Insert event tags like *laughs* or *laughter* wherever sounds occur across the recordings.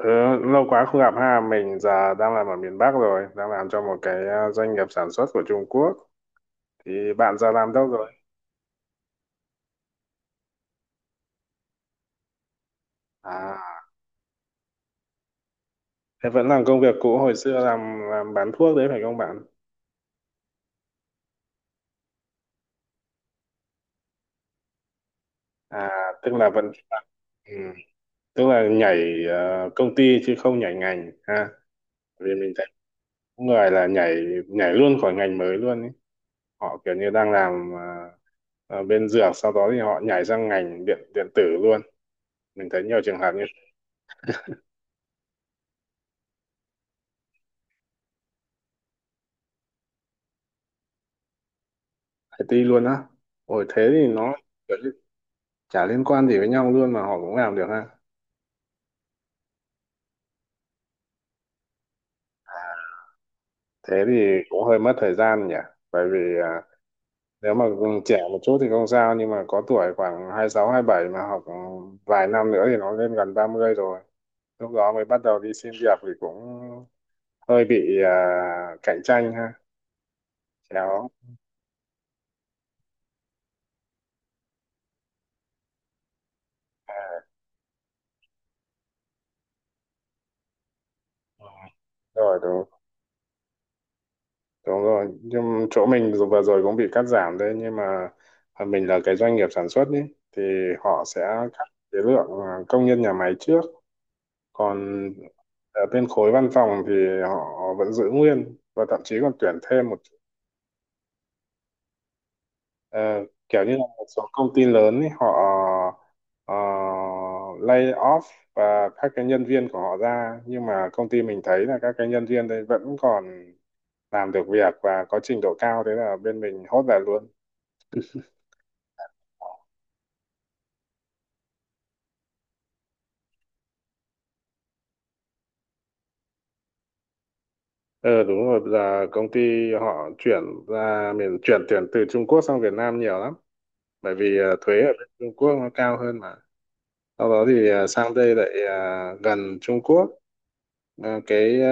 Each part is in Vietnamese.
Ừ, lâu quá không gặp ha. Mình giờ đang làm ở miền Bắc rồi, đang làm cho một cái doanh nghiệp sản xuất của Trung Quốc. Thì bạn giờ làm đâu rồi? À, thế vẫn làm công việc cũ hồi xưa làm bán thuốc đấy phải không bạn? À, tức là vẫn ừ, Tức là nhảy công ty chứ không nhảy ngành ha. Vì mình thấy có người là nhảy nhảy luôn khỏi ngành mới luôn ấy. Họ kiểu như đang làm ở bên dược, sau đó thì họ nhảy sang ngành điện điện tử luôn. Mình thấy nhiều trường hợp như phải ti luôn á. Ôi thế thì nó kiểu như chả liên quan gì với nhau luôn mà họ cũng làm được ha. Thế thì cũng hơi mất thời gian nhỉ, bởi vì à, nếu mà trẻ một chút thì không sao, nhưng mà có tuổi khoảng 26 27 mà học vài năm nữa thì nó lên gần 30 rồi, lúc đó mới bắt đầu đi xin việc thì cũng hơi bị cạnh tranh ha, chéo. Ừ, rồi đúng. Đúng rồi, nhưng chỗ mình dù vừa rồi cũng bị cắt giảm đấy, nhưng mà mình là cái doanh nghiệp sản xuất ý, thì họ sẽ cắt cái lượng công nhân nhà máy trước, còn ở bên khối văn phòng thì họ vẫn giữ nguyên và thậm chí còn tuyển thêm một ờ, kiểu như là một số công ty lớn ý, họ ờ, lay off và các cái nhân viên của họ ra, nhưng mà công ty mình thấy là các cái nhân viên đấy vẫn còn làm được việc và có trình độ cao, thế là bên mình hốt về luôn. Ờ đúng rồi, bây giờ công ty họ chuyển ra miền, chuyển tiền từ Trung Quốc sang Việt Nam nhiều lắm, bởi vì thuế ở bên Trung Quốc nó cao hơn mà. Sau đó thì sang đây lại gần Trung Quốc. Ờ, cái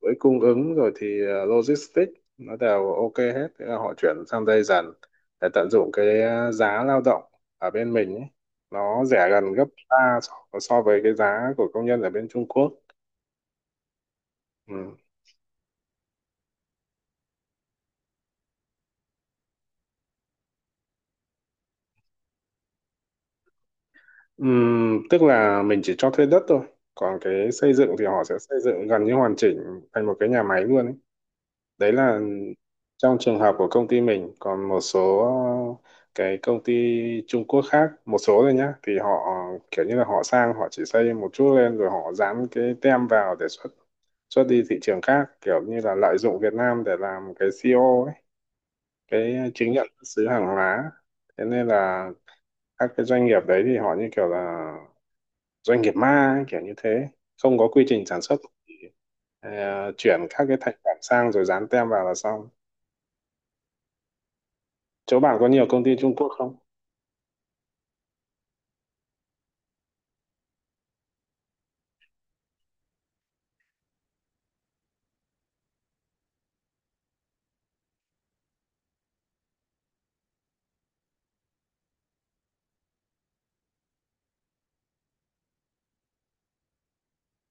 với cung ứng rồi thì logistics nó đều ok hết, thế là họ chuyển sang đây dần để tận dụng cái giá lao động ở bên mình ấy. Nó rẻ gần gấp ba, so so với cái giá của công nhân ở bên Trung Quốc. Ừ. Tức là mình chỉ cho thuê đất thôi, còn cái xây dựng thì họ sẽ xây dựng gần như hoàn chỉnh thành một cái nhà máy luôn ấy. Đấy là trong trường hợp của công ty mình, còn một số cái công ty Trung Quốc khác, một số thôi nhá, thì họ kiểu như là họ sang họ chỉ xây một chút lên rồi họ dán cái tem vào để xuất, xuất đi thị trường khác, kiểu như là lợi dụng Việt Nam để làm cái CO ấy, cái chứng nhận xuất xứ hàng hóa, thế nên là các cái doanh nghiệp đấy thì họ như kiểu là doanh nghiệp ma ấy, kiểu như thế, không có quy trình sản xuất, ờ, chuyển các cái thành phẩm sang rồi dán tem vào là xong. Chỗ bạn có nhiều công ty Trung Quốc không?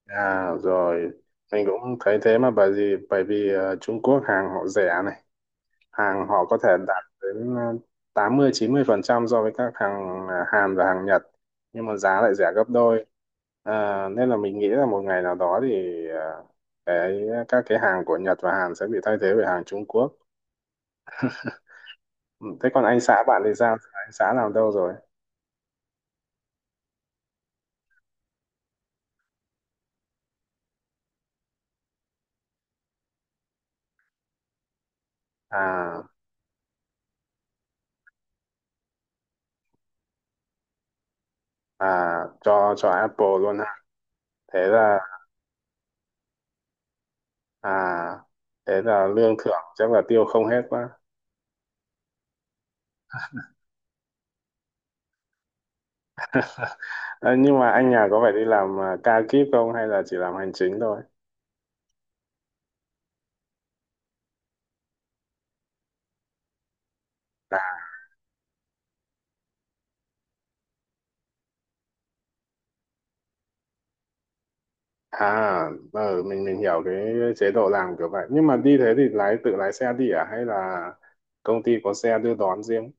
À rồi, mình cũng thấy thế mà, bởi vì Trung Quốc hàng họ rẻ này, hàng họ có thể đạt đến 80 90% so với các hàng Hàn và hàng Nhật, nhưng mà giá lại rẻ gấp đôi. À, nên là mình nghĩ là một ngày nào đó thì cái các cái hàng của Nhật và Hàn sẽ bị thay thế bởi hàng Trung Quốc. Ừ. Thế còn anh xã bạn thì sao? Anh xã làm đâu rồi? À, à cho Apple luôn ha. Thế là à thế là lương thưởng chắc là tiêu không hết quá. À, nhưng mà anh nhà có phải đi làm ca kíp không hay là chỉ làm hành chính thôi? À, ừ, mình hiểu cái chế độ làm kiểu vậy. Nhưng mà đi thế thì lái, tự lái xe đi à, hay là công ty có xe đưa đón riêng?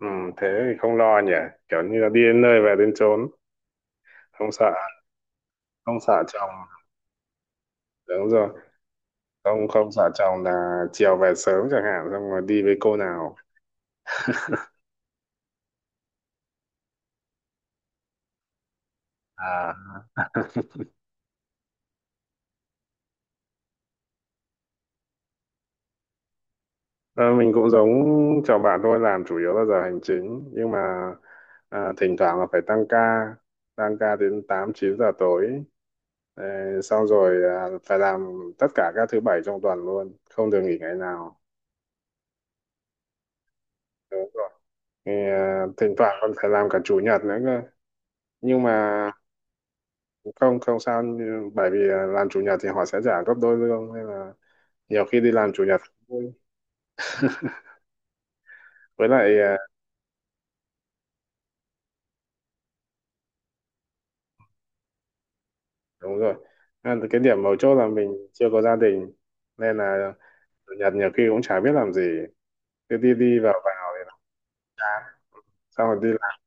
Ừ, thế thì không lo nhỉ. Kiểu như là đi đến nơi về đến chốn, không sợ, không sợ chồng. Đúng rồi. Không không sợ chồng là chiều về sớm chẳng hạn xong rồi đi với cô nào. À. Ờ, mình cũng giống chồng bạn thôi, làm chủ yếu là giờ hành chính, nhưng mà thỉnh thoảng là phải tăng ca, đến 8 9 giờ tối. Ờ, xong rồi phải làm tất cả các thứ bảy trong tuần luôn, không được nghỉ ngày nào, đúng rồi. Thì, thỉnh thoảng còn phải làm cả chủ nhật nữa cơ, nhưng mà không, bởi vì làm chủ nhật thì họ sẽ trả gấp đôi lương, nên là nhiều khi đi làm chủ nhật cũng vui. Với lại đúng rồi, cái điểm mấu chốt là mình chưa có gia đình, nên là chủ nhật nhiều khi cũng chả biết làm gì, cứ đi đi vào vào thì nó chán, xong rồi đi làm.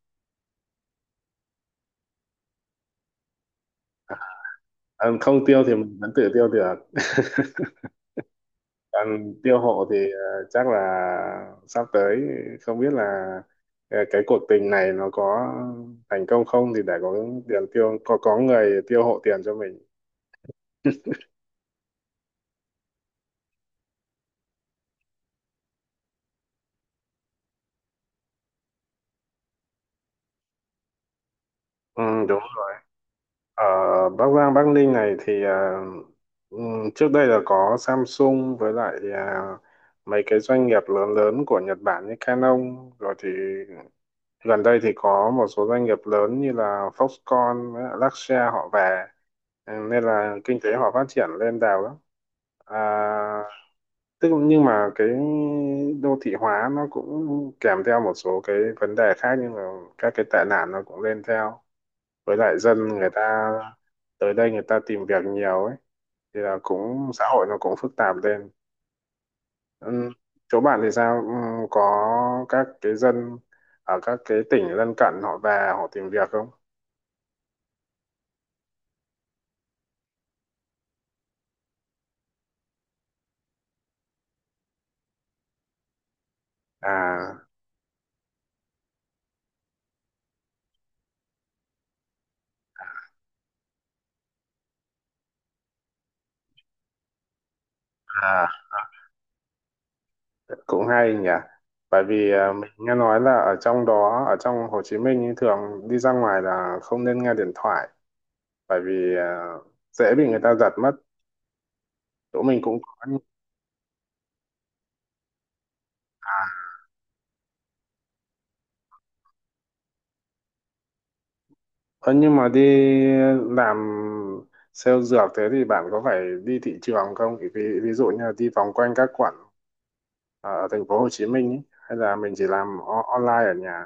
Ờ, không tiêu thì mình vẫn tự tiêu được *laughs* còn tiêu hộ thì chắc là sắp tới không biết là cái cuộc tình này nó có thành công không, thì để có tiền tiêu, có người tiêu hộ tiền cho mình. Ừ, đúng. Ở Bắc Giang, Bắc Ninh này thì trước đây là có Samsung, với lại mấy cái doanh nghiệp lớn lớn của Nhật Bản như Canon, rồi thì gần đây thì có một số doanh nghiệp lớn như là Foxconn với lại Luxshare họ về. Ừ, nên là kinh tế họ phát triển lên đào lắm. À, tức nhưng mà cái đô thị hóa nó cũng kèm theo một số cái vấn đề khác, nhưng mà các cái tệ nạn nó cũng lên theo, với lại dân người ta tới đây người ta tìm việc nhiều ấy, thì là cũng xã hội nó cũng phức tạp lên. Ừ. Chỗ bạn thì sao, ừ, có các cái dân ở các cái tỉnh lân cận họ về họ tìm việc không? À. À, cũng hay nhỉ, bởi vì mình nghe nói là ở trong đó, ở trong Hồ Chí Minh ý, thường đi ra ngoài là không nên nghe điện thoại, bởi vì dễ bị người ta giật mất, chỗ mình cũng có. Ờ, nhưng mà đi làm sale dược thế thì bạn có phải đi thị trường không? Ví dụ như là đi vòng quanh các quận ở thành phố Hồ Chí Minh ý, hay là mình chỉ làm online ở nhà.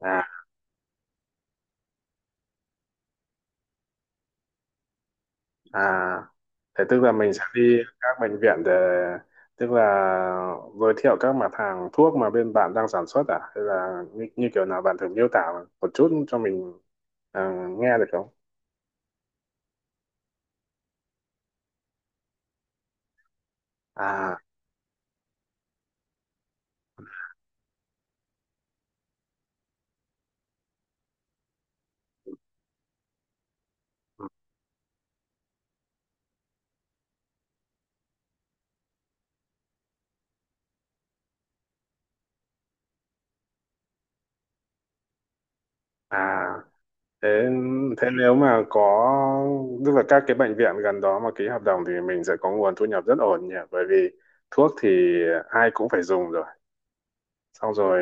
À, à, thế tức là mình sẽ đi các bệnh viện để, tức là giới thiệu các mặt hàng thuốc mà bên bạn đang sản xuất à? Hay là như kiểu nào bạn thử miêu tả một chút cho mình, ờ, nghe được không? À, à. Thế thế nếu mà có, tức là các cái bệnh viện gần đó mà ký hợp đồng thì mình sẽ có nguồn thu nhập rất ổn nhỉ, bởi vì thuốc thì ai cũng phải dùng rồi, xong rồi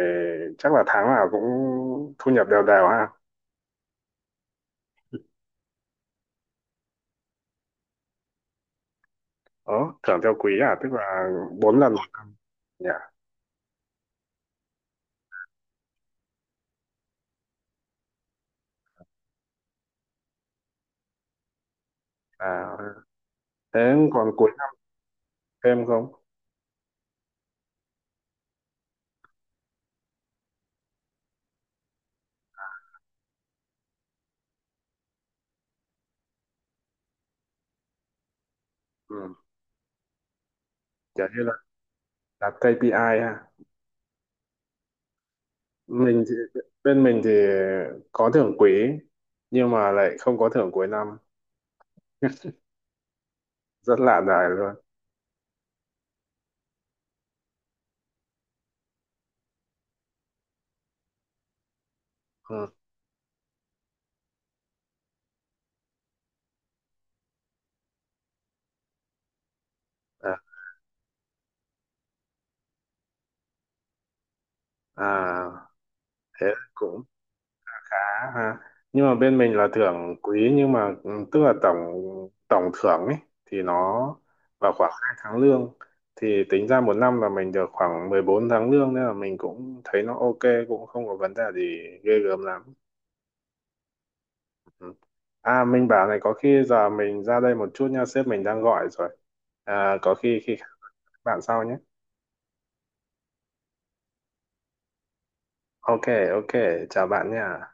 chắc là tháng nào cũng thu nhập đều đều ha. Ờ, thưởng theo quý à, tức là bốn lần một nhỉ. À thế còn cuối năm thêm không? Ừ, kiểu như là đặt KPI ha. Mình thì, bên mình thì có thưởng quý nhưng mà lại không có thưởng cuối năm, rất lạ đời luôn. Ừ. à, à thế cũng khá ha, nhưng mà bên mình là thưởng quý nhưng mà tức là tổng, tổng thưởng ấy thì nó vào khoảng 2 tháng lương, thì tính ra một năm là mình được khoảng 14 tháng lương, nên là mình cũng thấy nó ok, cũng không có vấn đề gì ghê gớm lắm. Ừ. À mình bảo này, có khi giờ mình ra đây một chút nha, sếp mình đang gọi rồi. À, có khi khi khác bạn sau nhé. Ok, ok, chào bạn nha.